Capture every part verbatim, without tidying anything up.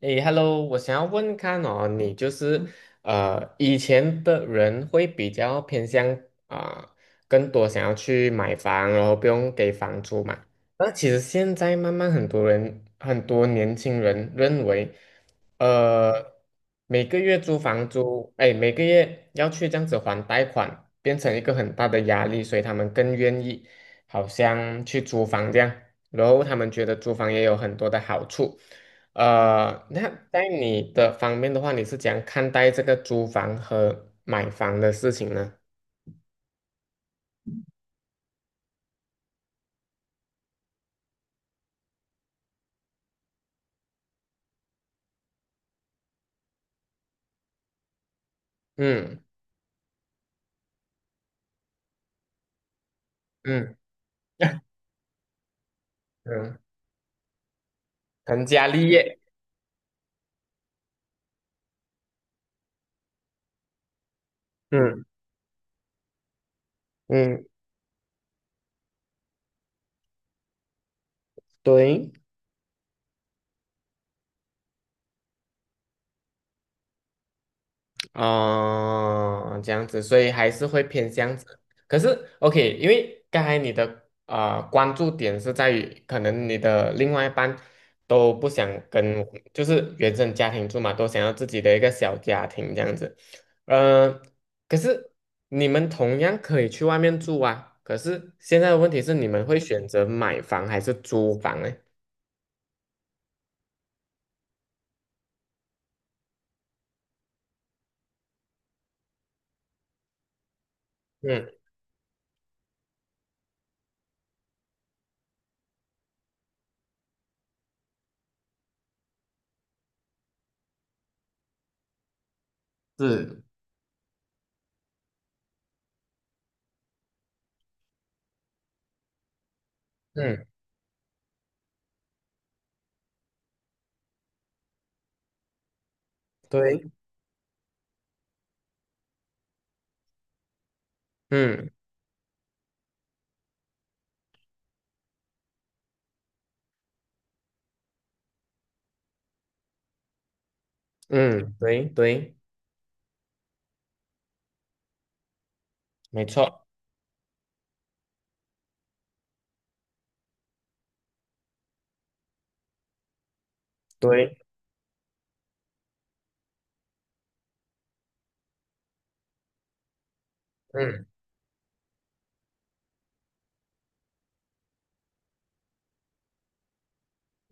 诶，Hello，我想要问看哦，你就是呃，以前的人会比较偏向啊、更多想要去买房，然后不用给房租嘛。那其实现在慢慢很多人，很多年轻人认为，呃，每个月租房租，哎，每个月要去这样子还贷款，变成一个很大的压力，所以他们更愿意好像去租房这样，然后他们觉得租房也有很多的好处。呃，那在你的方面的话，你是怎样看待这个租房和买房的事情呢？嗯嗯 嗯，成家立业，嗯嗯，对。哦，这样子，所以还是会偏向这样子。可是，OK，因为刚才你的呃关注点是在于，可能你的另外一半都不想跟，就是原生家庭住嘛，都想要自己的一个小家庭这样子。呃，可是你们同样可以去外面住啊。可是现在的问题是，你们会选择买房还是租房呢？嗯是，嗯，对，嗯嗯，对对，没错，对。嗯。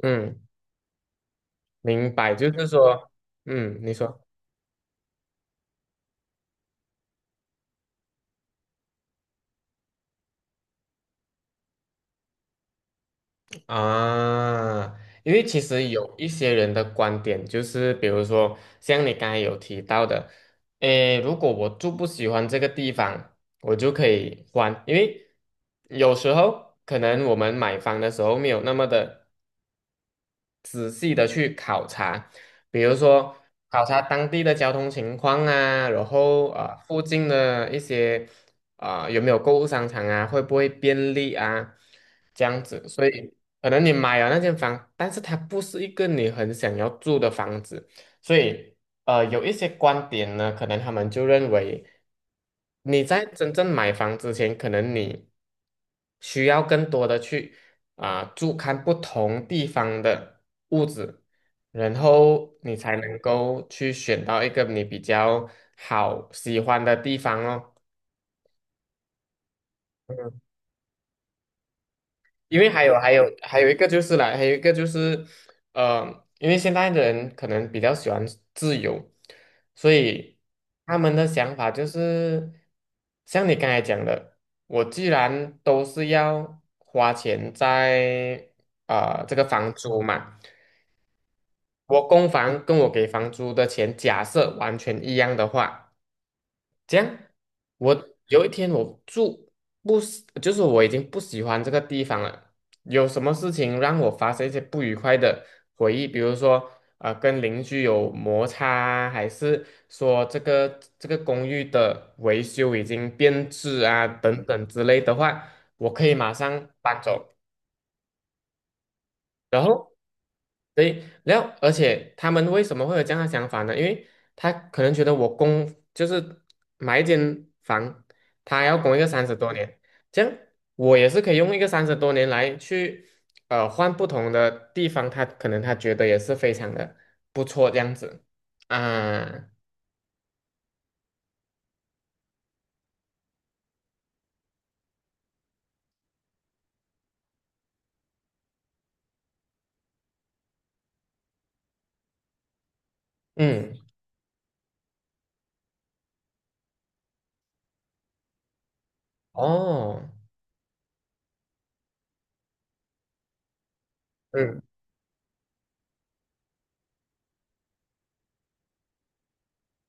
嗯，明白，就是说，嗯，你说啊，因为其实有一些人的观点就是，比如说像你刚才有提到的，诶，如果我住不喜欢这个地方，我就可以换，因为有时候可能我们买房的时候没有那么的。仔细的去考察，比如说考察当地的交通情况啊，然后啊附近的一些啊、有没有购物商场啊，会不会便利啊，这样子，所以可能你买了那间房，但是它不是一个你很想要住的房子，所以呃有一些观点呢，可能他们就认为你在真正买房之前，可能你需要更多的去。啊、住看不同地方的屋子，然后你才能够去选到一个你比较好喜欢的地方哦。嗯，因为还有还有还有一个就是啦，还有一个就是，呃，因为现在的人可能比较喜欢自由，所以他们的想法就是像你刚才讲的，我既然都是要花钱在啊、呃这个房租嘛。我供房跟我给房租的钱假设完全一样的话，这样我有一天我住不喜，就是我已经不喜欢这个地方了，有什么事情让我发生一些不愉快的回忆，比如说呃跟邻居有摩擦啊还是说这个这个公寓的维修已经变质啊等等之类的话，我可以马上搬走。然后。对，然后而且他们为什么会有这样的想法呢？因为他可能觉得我供就是买一间房，他要供一个三十多年，这样我也是可以用一个三十多年来去呃换不同的地方，他可能他觉得也是非常的不错这样子啊，嗯，哦，嗯，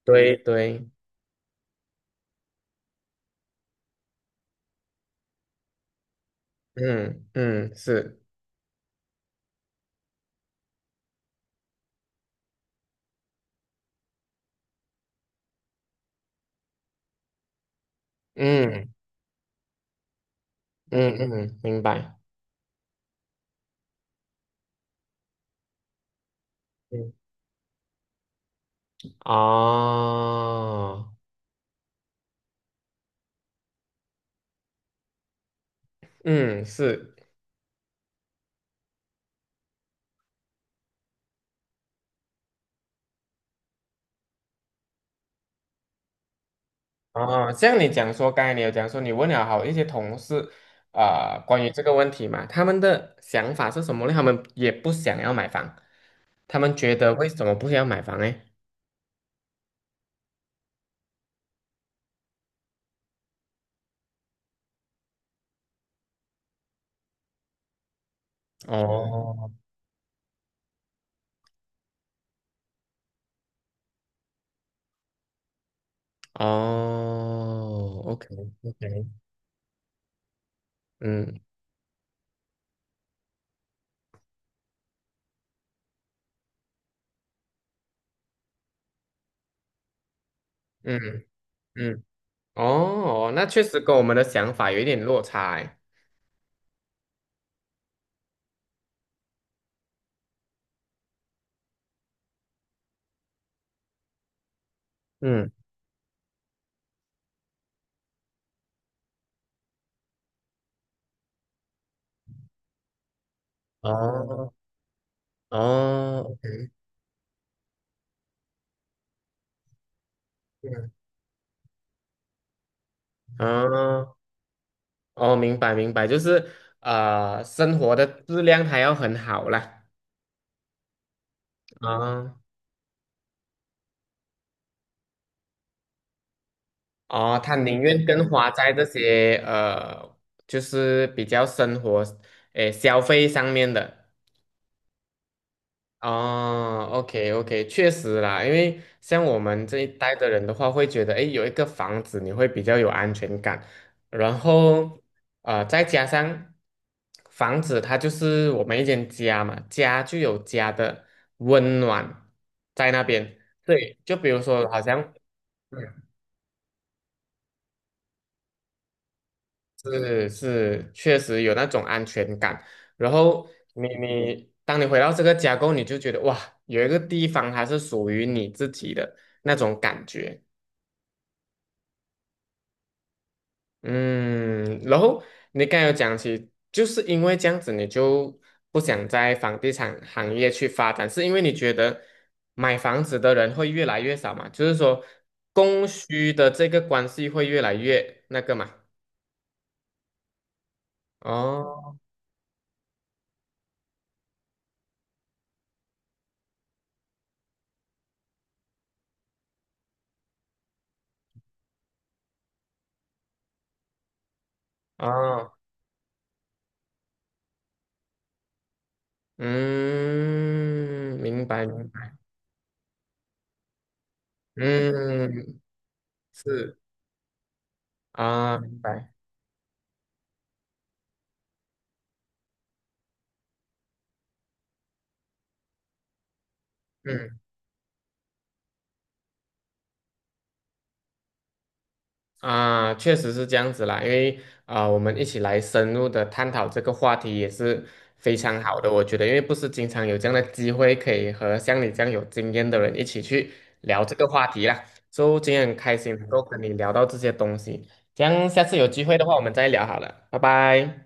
对对，嗯嗯是，嗯嗯嗯，明白，嗯啊，嗯是。哦，像你讲说，刚才你有讲说，你问了好一些同事，啊、关于这个问题嘛，他们的想法是什么呢？他们也不想要买房，他们觉得为什么不想要买房呢？哦，哦，OK，OK，嗯嗯嗯，哦，那确实跟我们的想法有一点落差欸嗯，哦哦，OK，嗯，哦哦，明白明白，就是啊，生活的质量还要很好啦。啊哦，他宁愿更花在这些呃，就是比较生活，诶，消费上面的。哦，OK OK，确实啦，因为像我们这一代的人的话，会觉得，诶，有一个房子你会比较有安全感，然后呃，再加上房子它就是我们一间家嘛，家就有家的温暖在那边。对，就比如说好像。是是，确实有那种安全感。然后你你，当你回到这个家过后，你就觉得哇，有一个地方它是属于你自己的那种感觉。嗯，然后你刚才有讲起，就是因为这样子，你就不想在房地产行业去发展，是因为你觉得买房子的人会越来越少嘛？就是说供需的这个关系会越来越那个嘛？哦哦。嗯，明白明白，嗯，是啊，明白，嗯啊，确实是这样子啦，因为啊，我们一起来深入的探讨这个话题也是非常好的，我觉得，因为不是经常有这样的机会可以和像你这样有经验的人一起去聊这个话题啦，所以今天很开心能够跟你聊到这些东西，这样下次有机会的话我们再聊好了，拜拜。